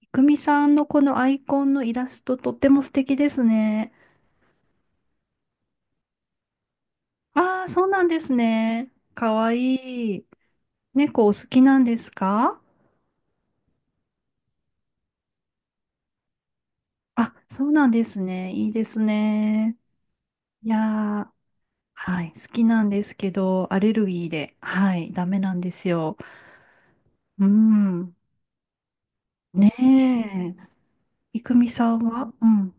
いくみさんのこのアイコンのイラストとっても素敵ですね。ああ、そうなんですね。かわいい。猫お好きなんですか？あ、そうなんですね。いいですね。いやー、はい、好きなんですけど、アレルギーで、はい、ダメなんですよ。うん。ねえ。いくみさんは、うん。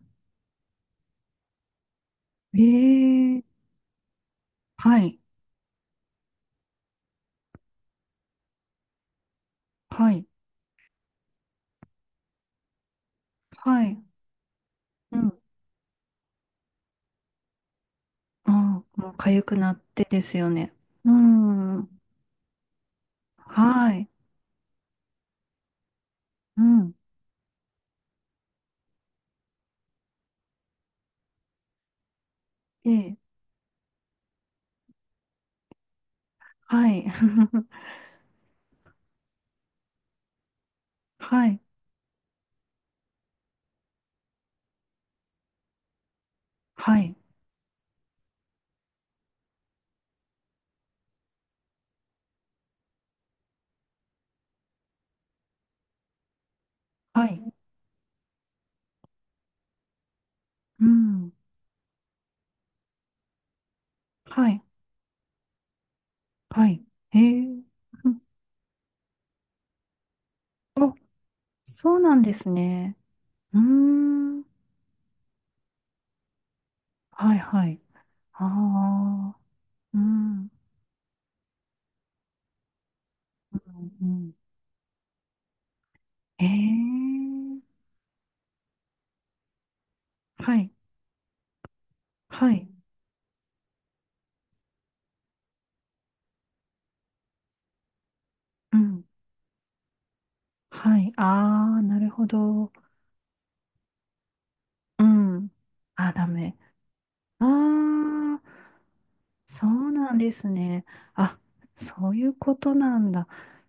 ええ、はい、はい、はい。うん。うん、もう痒くなってですよね。うん。はい。うん。ええ。はい。はい。はい。はい。うん。はい。はい。へえ。うん、あ、そうなんですね。うーん。はい。はい。ああ。うん。うん。うん、へえ。はい。はい。うん。はい。ああ、なるほど。うん。あー、ダメ。ああ、そうなんですね。あ、そういうことなんだ。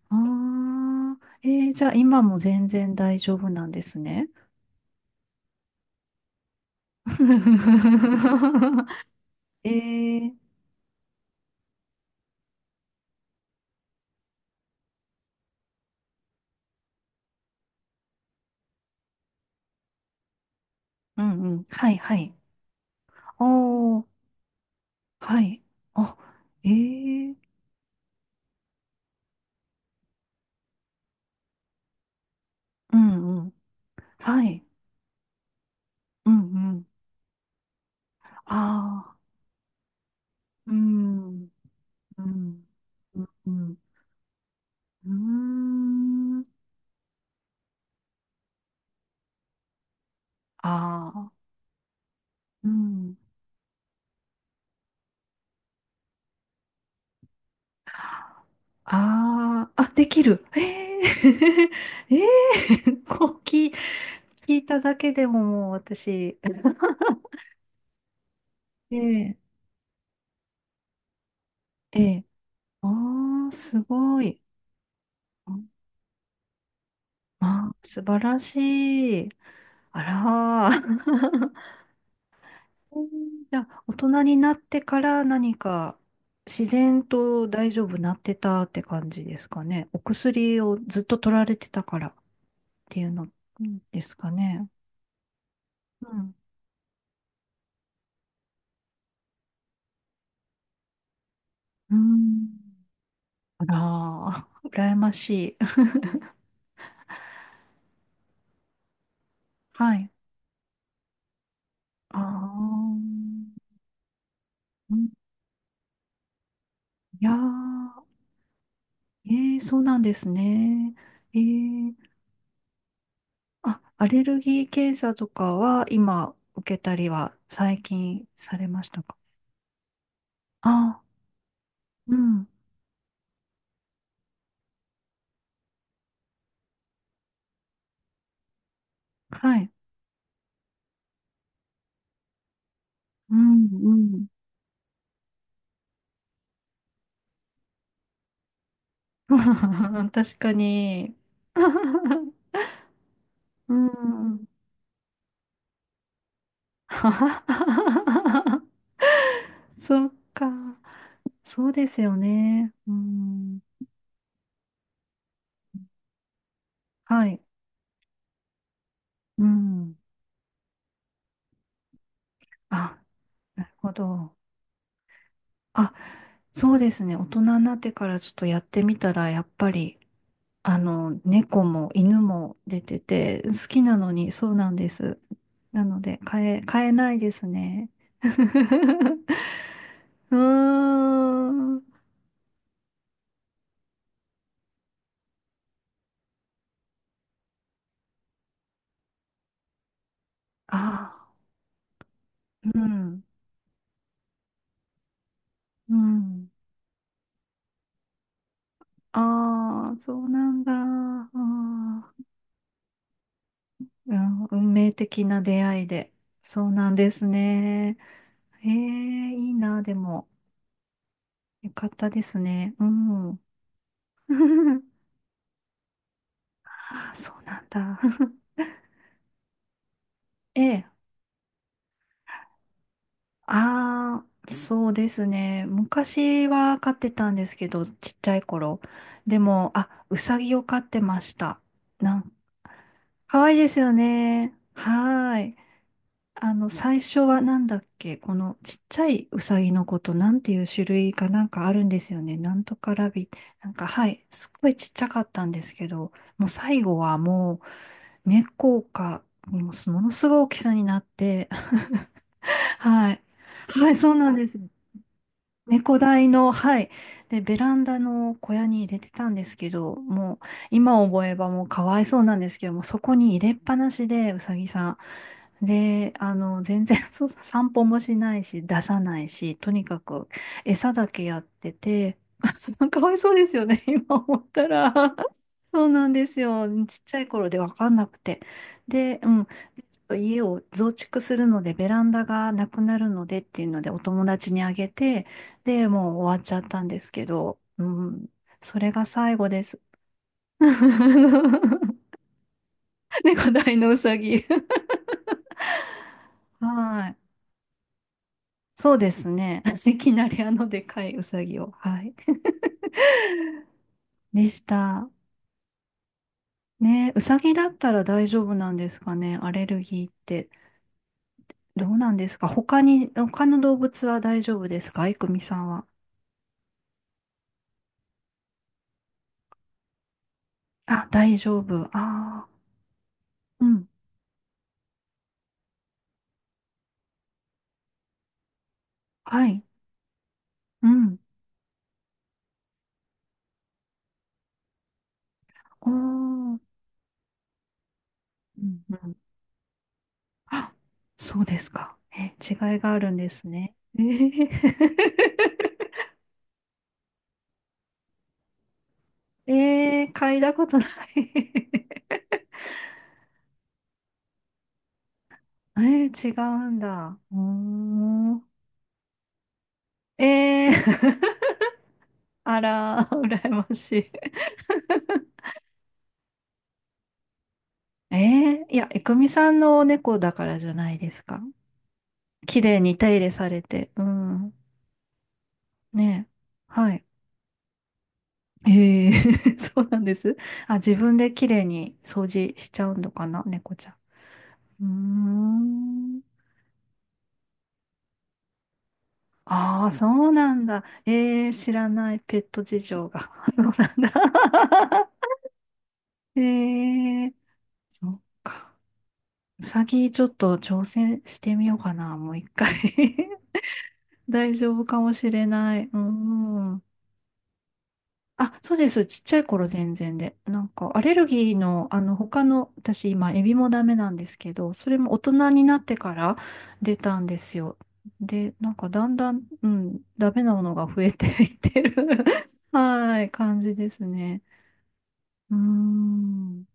ああ、えー、じゃあ今も全然大丈夫なんですね。えー、うんうん。はいはい。おー、はい。あ、えー、うんうん。はい。うんうん。ああ、うん、うん、うん、うん。うーん。ああ、うん。ああ、あ、できる。ええ ええこう聞い、聞いただけでももう私、ええ、ええ、ああ、すごい。あ、素晴らしい。あらー。うん、じゃあ、大人になってから何か自然と大丈夫なってたって感じですかね。お薬をずっと取られてたからっていうのですかね。うん。うん、ああ、羨ましい。はい。ああ、うん、いやー、えー、そうなんですね。えー、あ、アレルギー検査とかは今受けたりは最近されましたか？あー、うん。はい。うん、うん。確かに。うん。そっか。そうですよね。うん。はい。うん。あ、なるほど。あ、そうですね。大人になってからちょっとやってみたら、やっぱり、あの、猫も犬も出てて、好きなのに、そうなんです。なので、変え、変えないですね。うーん。あ、うん。うん。ああ、そうなんだ。あー、うん、運命的な出会いで。そうなんですね。ええ、いいな、でも。よかったですね。うん。あー、そうなんだ。ええ。ああ、そうですね。昔は飼ってたんですけど、ちっちゃい頃。でも、あ、うさぎを飼ってました。なん、かわいいですよね。はーい。あの、最初はなんだっけ、このちっちゃいウサギのこと、なんていう種類かなんかあるんですよね。なんとかラビ、なんか、はい、すっごいちっちゃかったんですけど、もう最後はもう、猫か、もうものすごい大きさになって、はい。はい、そうなんです。猫台の、はい。で、ベランダの小屋に入れてたんですけど、もう、今思えばもうかわいそうなんですけども、そこに入れっぱなしで、うさぎさん。で、あの、全然 そう、散歩もしないし、出さないし、とにかく餌だけやってて、かわいそうですよね、今思ったら。そうなんですよ。ちっちゃい頃で分かんなくて。で、うん。ちょっと家を増築するので、ベランダがなくなるのでっていうので、お友達にあげて、で、もう終わっちゃったんですけど、うん。それが最後です。猫大のうさぎ。はい。そうですね。いきなりあのでかいウサギを。はい。でした。ね、ウサギだったら大丈夫なんですかね、アレルギーって。どうなんですか他に、他の動物は大丈夫ですか、いくみさんは。あ、大丈夫。ああ、うん。はい。うん。おー。うんうん。あ、そうですか。え、違いがあるんですね。えー、えー、嗅いだことない えー、違うんだ。おー。ええ あら、羨ましい。ええ、いや、いくみさんのお猫だからじゃないですか。綺麗に手入れされて。うん。ねえ。はい。ええ そうなんです。あ、自分で綺麗に掃除しちゃうのかな、猫ちゃん。うーん。ああ、そうなんだ。えー、知らないペット事情が。そうなんだ。ええ、そっか。うさぎちょっと挑戦してみようかな、もう一回 大丈夫かもしれない。うん。あ、そうです。ちっちゃい頃全然で。なんか、アレルギーの、あの、他の、私今、エビもダメなんですけど、それも大人になってから出たんですよ。で、なんか、だんだん、うん、ダメなものが増えていってる はい、感じですね。うーん。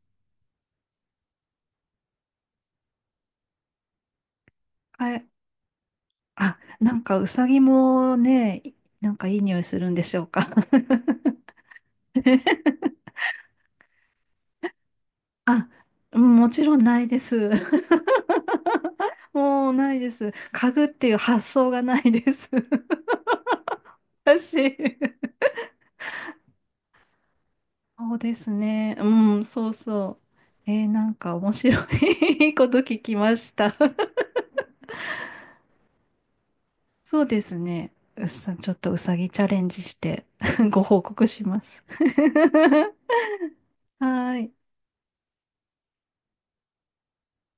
はい。あ、なんか、うさぎもね、なんかいい匂いするんでしょうか。あ、うん、もちろんないです。もうないです。家具っていう発想がないです。私。そうですね。うん、そうそう。えー、なんか面白い こと聞きました。そうですね。うさ、ちょっとうさぎチャレンジして ご報告します。はーい。